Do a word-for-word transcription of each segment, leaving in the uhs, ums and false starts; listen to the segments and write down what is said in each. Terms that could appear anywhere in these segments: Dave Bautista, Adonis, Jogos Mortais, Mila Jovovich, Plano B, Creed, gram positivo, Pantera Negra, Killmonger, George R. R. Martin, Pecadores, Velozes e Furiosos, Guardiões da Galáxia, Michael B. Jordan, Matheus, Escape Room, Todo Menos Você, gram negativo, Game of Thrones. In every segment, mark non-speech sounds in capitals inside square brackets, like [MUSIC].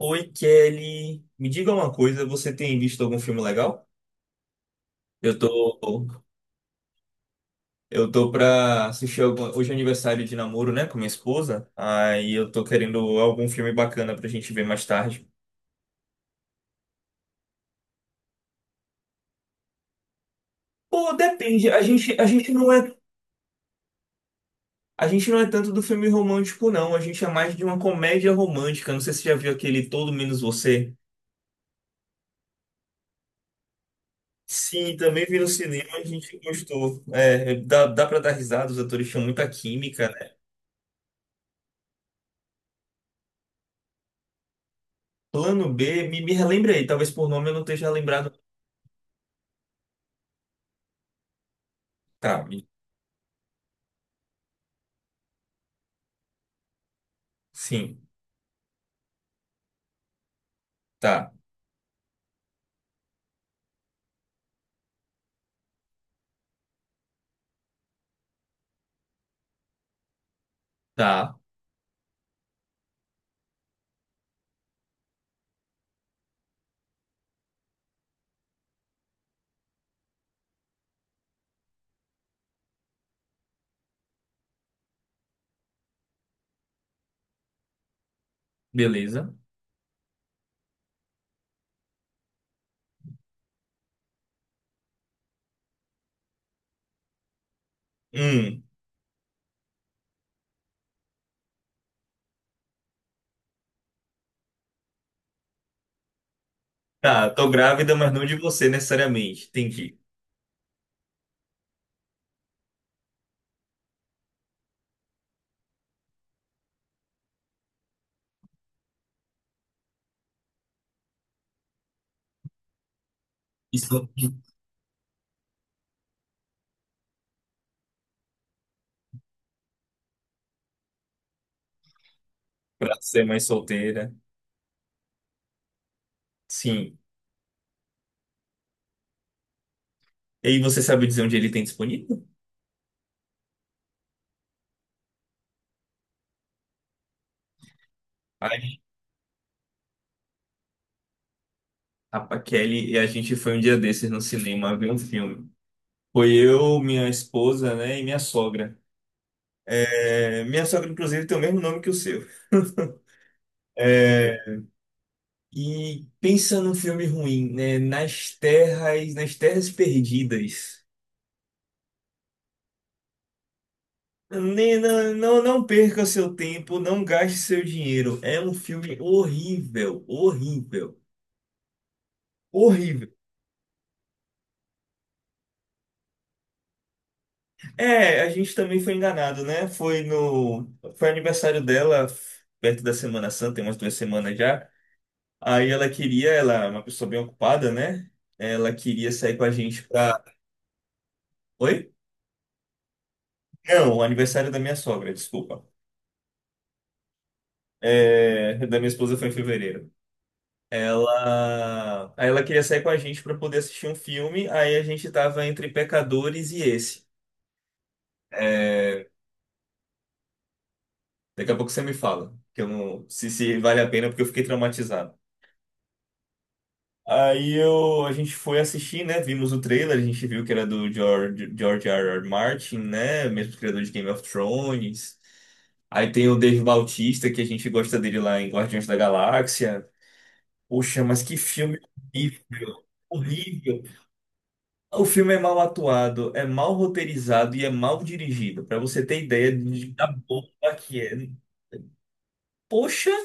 Oi, Kelly. Me diga uma coisa, você tem visto algum filme legal? Eu tô, eu tô pra assistir algum, hoje é aniversário de namoro, né, com minha esposa. Aí eu tô querendo algum filme bacana pra gente ver mais tarde. Pô, depende. A gente, a gente não é, a gente não é tanto do filme romântico, não. A gente é mais de uma comédia romântica. Não sei se você já viu aquele Todo Menos Você. Sim, também vi no cinema, a gente gostou. É, dá, dá pra dar risada, os atores tinham muita química. Plano B, me, me relembre aí, talvez por nome eu não esteja lembrado. Tá, me- sim, tá, tá, beleza. Hum, tá, tô grávida, mas não de você necessariamente, entendi. Isso. Pra ser mais solteira, sim. E aí você sabe dizer onde ele tem disponível? Ai, a Kelly e a gente foi um dia desses no cinema ver um filme. Foi eu, minha esposa, né, e minha sogra. É, minha sogra, inclusive, tem o mesmo nome que o seu. [LAUGHS] É, e pensa num filme ruim, né? Nas terras, nas terras perdidas. Nem- Não, não, não perca seu tempo, não gaste seu dinheiro. É um filme horrível, horrível, horrível. É, a gente também foi enganado, né? Foi no, foi aniversário dela, perto da Semana Santa, tem umas duas semanas já. Aí ela queria, ela é uma pessoa bem ocupada, né? Ela queria sair com a gente pra. Oi? Não, o aniversário da minha sogra, desculpa. É, da minha esposa foi em fevereiro. Ela, aí ela queria sair com a gente para poder assistir um filme, aí a gente tava entre Pecadores e esse. É, daqui a pouco você me fala, que eu não, se, se vale a pena, porque eu fiquei traumatizado. Aí eu, a gente foi assistir, né? Vimos o trailer, a gente viu que era do George, George R. R. Martin, né? Mesmo criador de Game of Thrones. Aí tem o Dave Bautista, que a gente gosta dele lá em Guardiões da Galáxia. Poxa, mas que filme horrível! Horrível! O filme é mal atuado, é mal roteirizado e é mal dirigido. Pra você ter ideia de- da bomba que é. Poxa,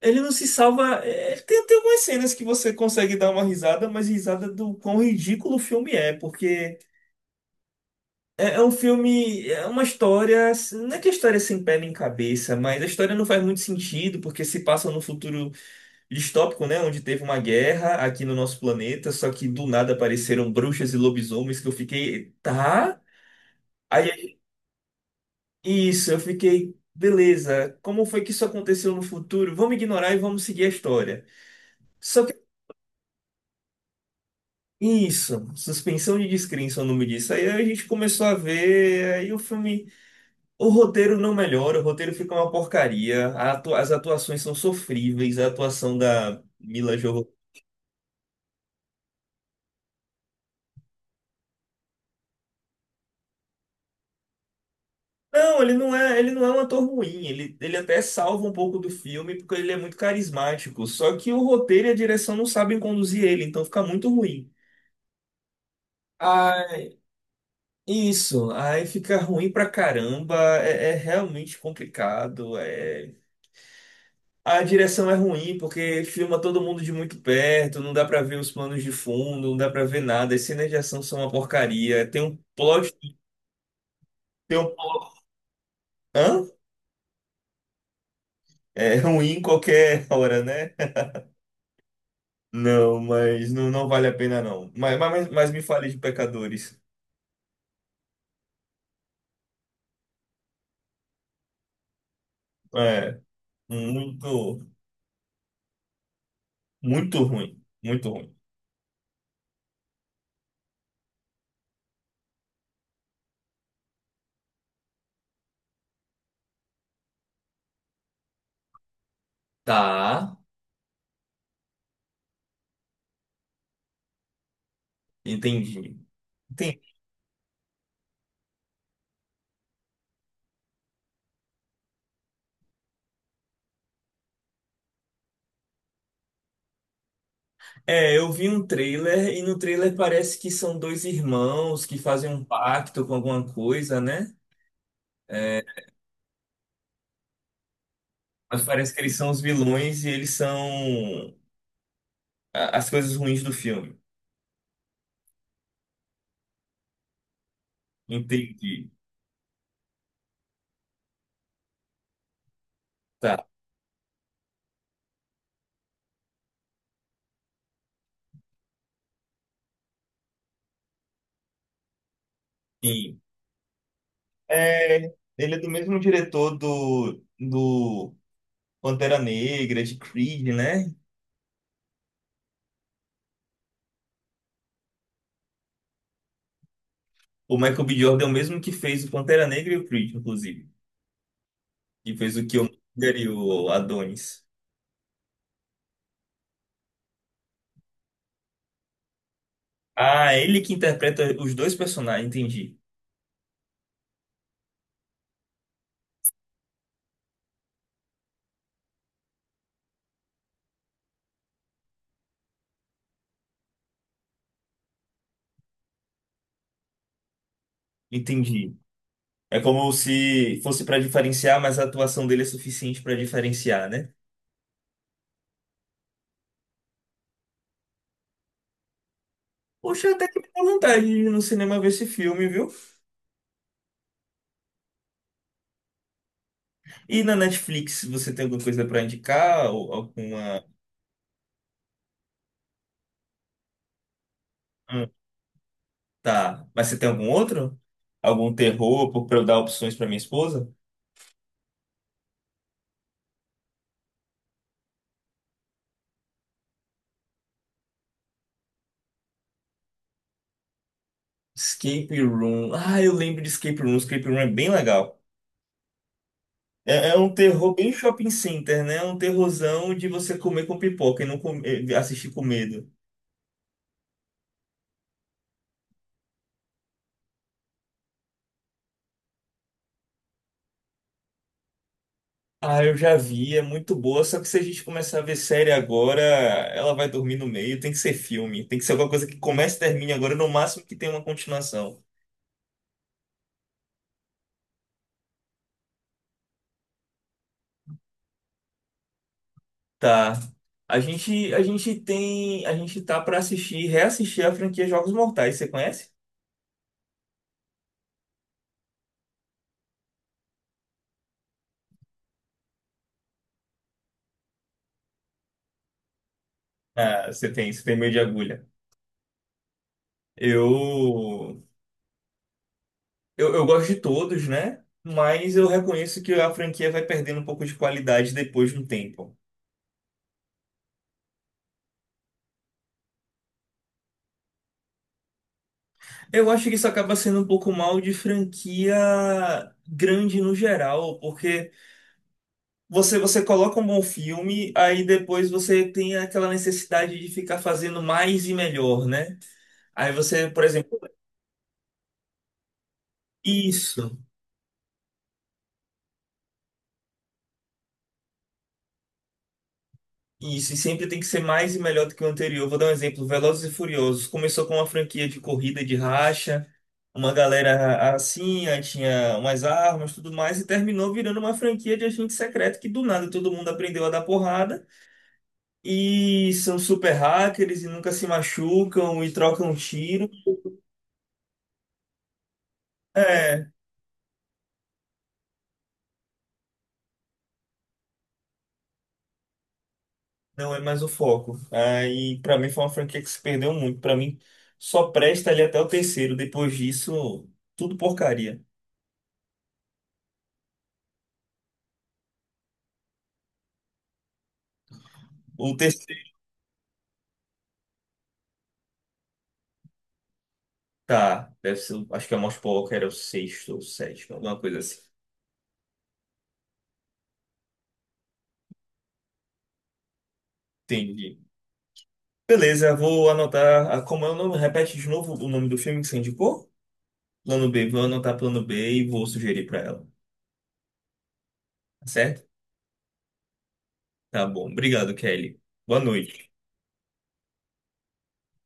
ele não se salva. É, tem, tem algumas cenas que você consegue dar uma risada, mas risada do quão ridículo o filme é, porque é, é um filme, é uma história. Não é que a história é sem pé nem cabeça, mas a história não faz muito sentido, porque se passa num futuro distópico, né? Onde teve uma guerra aqui no nosso planeta, só que do nada apareceram bruxas e lobisomens que eu fiquei. Tá? Aí isso, eu fiquei, beleza, como foi que isso aconteceu no futuro? Vamos ignorar e vamos seguir a história. Só que, isso, suspensão de descrença, é o nome disso. Aí a gente começou a ver, aí o filme, o roteiro não melhora, o roteiro fica uma porcaria, a atua- as atuações são sofríveis, a atuação da Mila Jovovich. Não, ele não é, ele não é um ator ruim, ele, ele até salva um pouco do filme, porque ele é muito carismático, só que o roteiro e a direção não sabem conduzir ele, então fica muito ruim. Isso, aí fica ruim pra caramba, é, é realmente complicado. é- A direção é ruim porque filma todo mundo de muito perto, não dá pra ver os planos de fundo, não dá pra ver nada. As cenas de ação são uma porcaria. Tem um plot, tem um... Hã? É ruim em qualquer [LAUGHS] hora, né? Não, mas não, não vale a pena não. Mas, mas, mas me fale de Pecadores. É, muito, muito ruim, muito ruim. Tá, entendi. É, eu vi um trailer e no trailer parece que são dois irmãos que fazem um pacto com alguma coisa, né? É, mas parece que eles são os vilões e eles são a- as coisas ruins do filme. Entendi. Tá. Sim. É, ele é do mesmo diretor do, do Pantera Negra, de Creed, né? O Michael B. Jordan é o mesmo que fez o Pantera Negra e o Creed, inclusive. Que fez o Killmonger e o Adonis. Ah, é ele que interpreta os dois personagens, entendi. Entendi. É como se fosse para diferenciar, mas a atuação dele é suficiente para diferenciar, né? Poxa, até que me dá vontade de ir no cinema ver esse filme, viu? E na Netflix, você tem alguma coisa para indicar? Ou alguma. Hum, Tá. Mas você tem algum outro? Algum terror para eu dar opções para minha esposa? Escape Room. Ah, eu lembro de Escape Room. Escape Room é bem legal. É, é um terror bem shopping center, né? É um terrorzão de você comer com pipoca e não comer- assistir com medo. Ah, eu já vi, é muito boa, só que se a gente começar a ver série agora, ela vai dormir no meio, tem que ser filme, tem que ser alguma coisa que comece e termine agora, no máximo que tenha uma continuação. Tá. A gente, a gente tem, a gente tá pra assistir, reassistir a franquia Jogos Mortais, você conhece? Ah, você tem, você tem meio de agulha. Eu, eu, eu gosto de todos, né? Mas eu reconheço que a franquia vai perdendo um pouco de qualidade depois de um tempo. Eu acho que isso acaba sendo um pouco mal de franquia grande no geral, porque você você coloca um bom filme, aí depois você tem aquela necessidade de ficar fazendo mais e melhor, né? Aí você, por exemplo, isso, isso, e sempre tem que ser mais e melhor do que o anterior. Vou dar um exemplo, Velozes e Furiosos começou com uma franquia de corrida de racha, uma galera assim, aí tinha umas armas, tudo mais, e terminou virando uma franquia de agente secreto que do nada todo mundo aprendeu a dar porrada. E são super hackers e nunca se machucam e trocam tiro. É, não é mais o foco. Aí, pra mim, foi uma franquia que se perdeu muito. Pra mim, só presta ali até o terceiro. Depois disso, tudo porcaria. O terceiro. Tá, deve ser, acho que a Most Poker era o sexto ou sétimo, alguma coisa assim. Entendi. Beleza, vou anotar. Ah, como é o nome? Repete de novo o nome do filme que você indicou? Plano B. Vou anotar plano B e vou sugerir pra ela. Tá certo? Tá bom. Obrigado, Kelly. Boa noite.